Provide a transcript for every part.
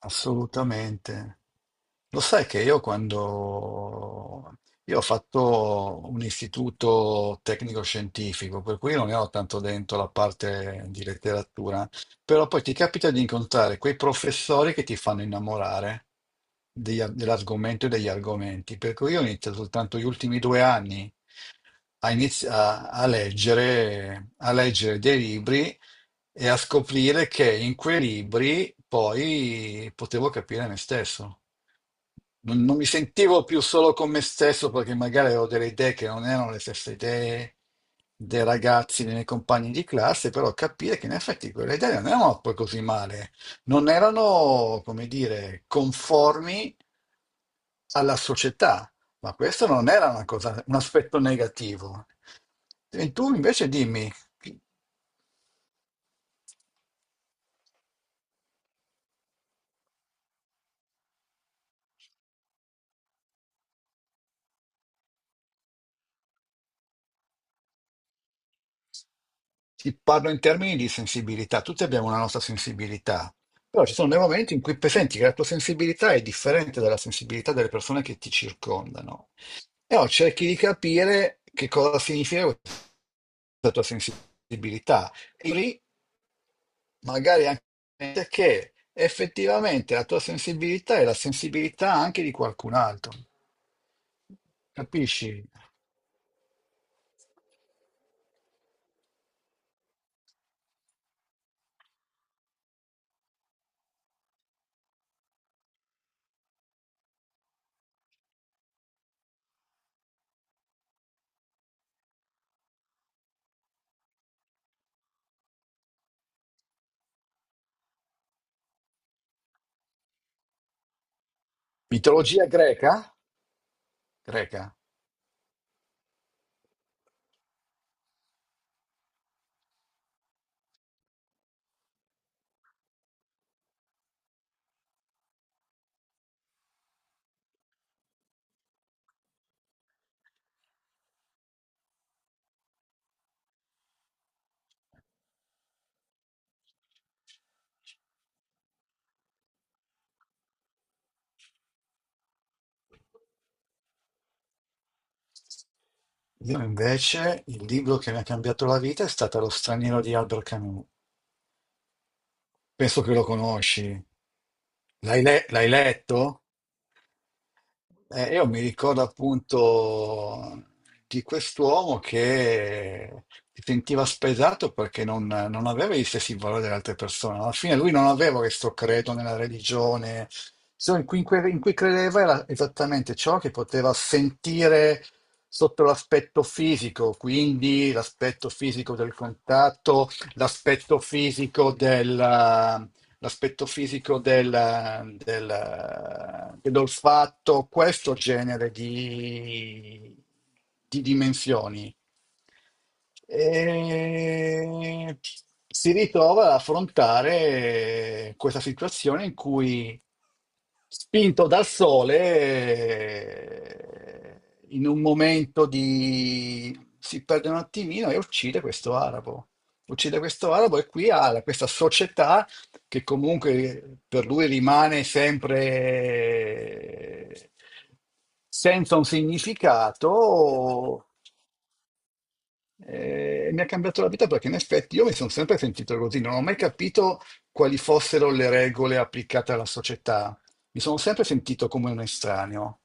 Assolutamente. Lo sai che io quando... Io ho fatto un istituto tecnico-scientifico, per cui non ne ho tanto dentro la parte di letteratura, però poi ti capita di incontrare quei professori che ti fanno innamorare dell'argomento e degli argomenti, per cui io ho iniziato soltanto gli ultimi 2 anni a, a leggere dei libri e a scoprire che in quei libri poi potevo capire me stesso. Non mi sentivo più solo con me stesso perché magari avevo delle idee che non erano le stesse idee dei ragazzi, dei miei compagni di classe, però capire che in effetti quelle idee non erano poi così male, non erano, come dire, conformi alla società, ma questo non era una cosa, un aspetto negativo. E tu invece dimmi, ti parlo in termini di sensibilità, tutti abbiamo una nostra sensibilità, però ci sono dei momenti in cui senti che la tua sensibilità è differente dalla sensibilità delle persone che ti circondano. E allora cerchi di capire che cosa significa questa tua sensibilità. E lì magari anche che effettivamente la tua sensibilità è la sensibilità anche di qualcun altro. Capisci? Mitologia greca? Greca. Io invece il libro che mi ha cambiato la vita è stato Lo straniero di Albert Camus. Penso che lo conosci. L'hai letto? Io mi ricordo appunto di quest'uomo che si sentiva spesato perché non aveva gli stessi valori delle altre persone. Alla fine lui non aveva questo credo nella religione, ciò in cui, in cui credeva era esattamente ciò che poteva sentire sotto l'aspetto fisico, quindi l'aspetto fisico del contatto, l'aspetto fisico l'aspetto fisico del, dell'olfatto, questo genere di dimensioni. E si ritrova ad affrontare questa situazione in cui, spinto dal sole, in un momento di... si perde un attimino e uccide questo arabo. Uccide questo arabo e qui questa società che comunque per lui rimane sempre senza un significato, mi ha cambiato la vita perché in effetti io mi sono sempre sentito così, non ho mai capito quali fossero le regole applicate alla società. Mi sono sempre sentito come un estraneo.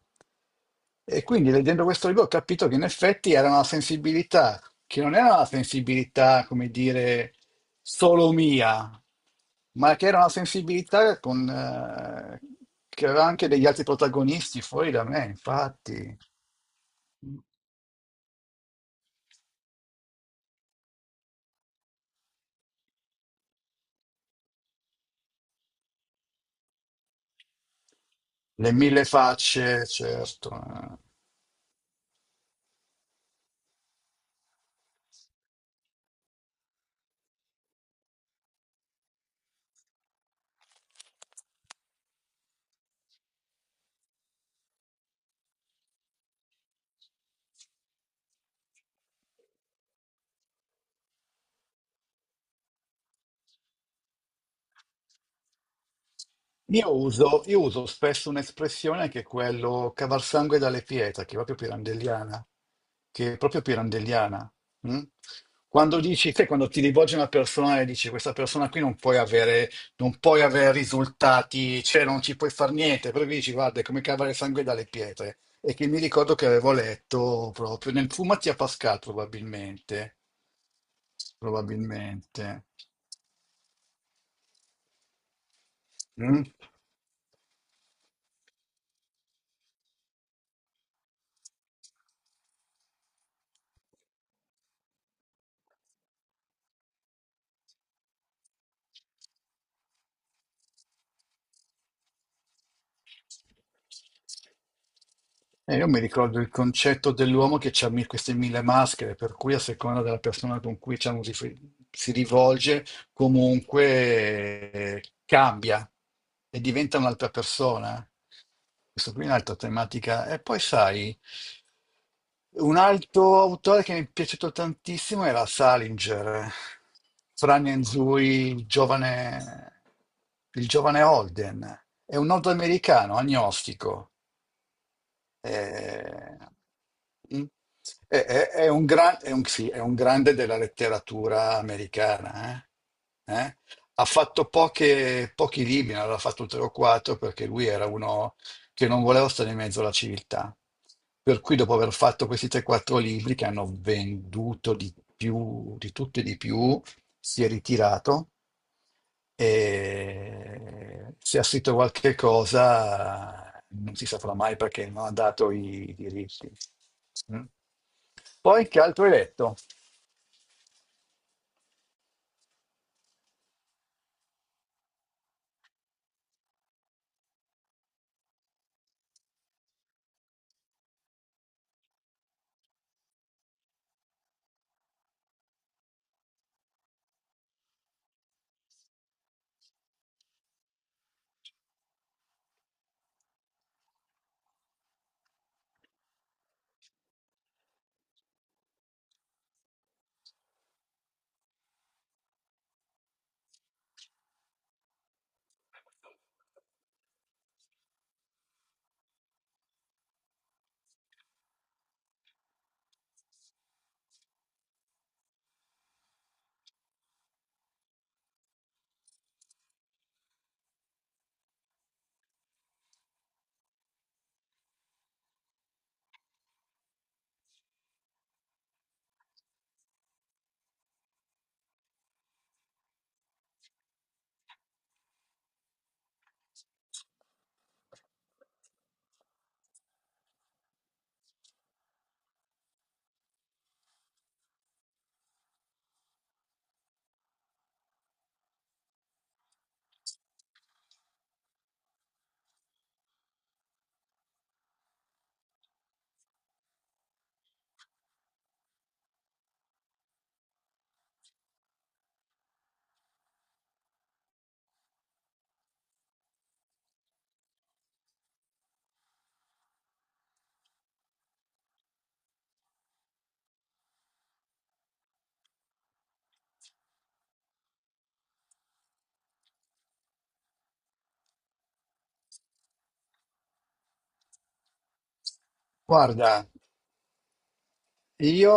E quindi leggendo questo libro ho capito che in effetti era una sensibilità, che non era una sensibilità, come dire, solo mia, ma che era una sensibilità che aveva anche degli altri protagonisti fuori da me, infatti. Le 1000 facce, certo. eh. Io uso spesso un'espressione che è quello cavalsangue dalle pietre, che è proprio pirandelliana, che è proprio pirandelliana. mm? Quando dici, sai, quando ti rivolgi a una persona e dici questa persona qui non puoi avere risultati, cioè non ci puoi far niente, però dici guarda, è come cavare sangue dalle pietre. E che mi ricordo che avevo letto proprio nel Fumatia Pascal, probabilmente. Mm? Io mi ricordo il concetto dell'uomo che ha queste 1000 maschere, per cui a seconda della persona con cui diciamo, si rivolge, comunque cambia e diventa un'altra persona. Questo qui è un'altra tematica. E poi sai, un altro autore che mi è piaciuto tantissimo era Salinger, Fran Nzui, il giovane Holden. È un nordamericano agnostico, eh, mm. È un grande della letteratura americana. Eh? Ha fatto pochi libri, ne aveva fatto 3 o 4, perché lui era uno che non voleva stare in mezzo alla civiltà. Per cui dopo aver fatto questi 3-4 libri che hanno venduto di più, di tutto e di più, si è ritirato e se ha scritto qualche cosa non si saprà mai perché non ha dato i diritti. Mm. Poi che altro hai letto? Guarda, io...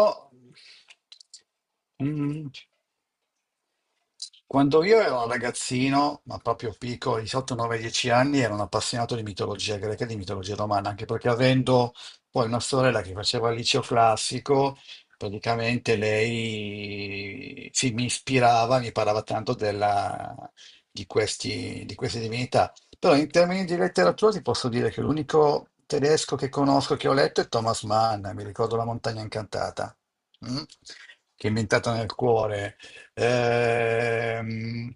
mm, Quando io ero ragazzino, ma proprio piccolo, di 8, 9, 10 anni, ero un appassionato di mitologia greca e di mitologia romana, anche perché avendo poi una sorella che faceva il liceo classico, praticamente lei sì, mi ispirava, mi parlava tanto di queste divinità. Però in termini di letteratura ti posso dire che l'unico tedesco che conosco, che ho letto, è Thomas Mann, mi ricordo La montagna incantata, mm? Che è inventata nel cuore. Ehm,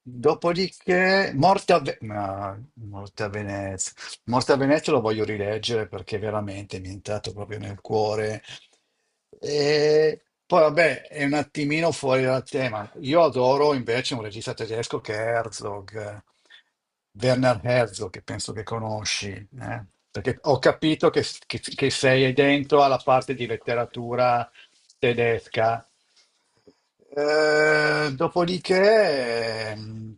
Dopodiché, Morte a, Ve- no, Morte a Venezia. Morte a Venezia lo voglio rileggere perché veramente mi è entrato proprio nel cuore. E poi, vabbè, è un attimino fuori dal tema. Io adoro invece un regista tedesco che è Herzog, Werner Herzog, che penso che conosci, eh? Perché ho capito che, che sei dentro alla parte di letteratura tedesca. Dopodiché,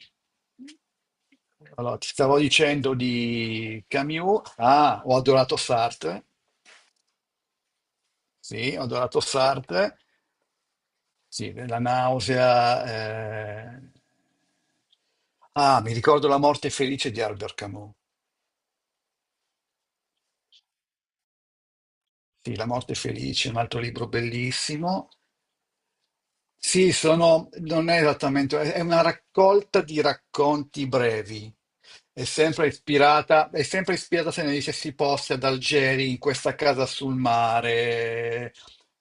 allora, ti stavo dicendo di Camus. Ah, ho adorato Sartre. Sì, ho adorato Sartre. Sì, la nausea. Eh. Ah, mi ricordo La morte felice di Albert Camus. Sì, La morte felice, un altro libro bellissimo. Sì, sono, non è esattamente, è una raccolta di racconti brevi. È sempre ispirata se ne dice si possa ad Algeri, in questa casa sul mare,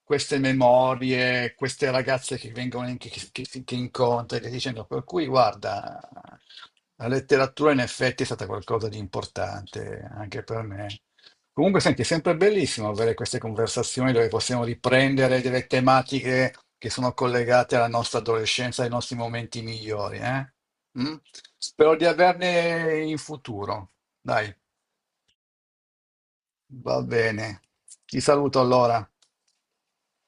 queste memorie, queste ragazze che vengono in- che incontri, che dicendo, per cui guarda, la letteratura in effetti è stata qualcosa di importante anche per me. Comunque, senti, è sempre bellissimo avere queste conversazioni dove possiamo riprendere delle tematiche che sono collegate alla nostra adolescenza, ai nostri momenti migliori, eh? Mm? Spero di averne in futuro. Dai, va bene. Ti saluto allora.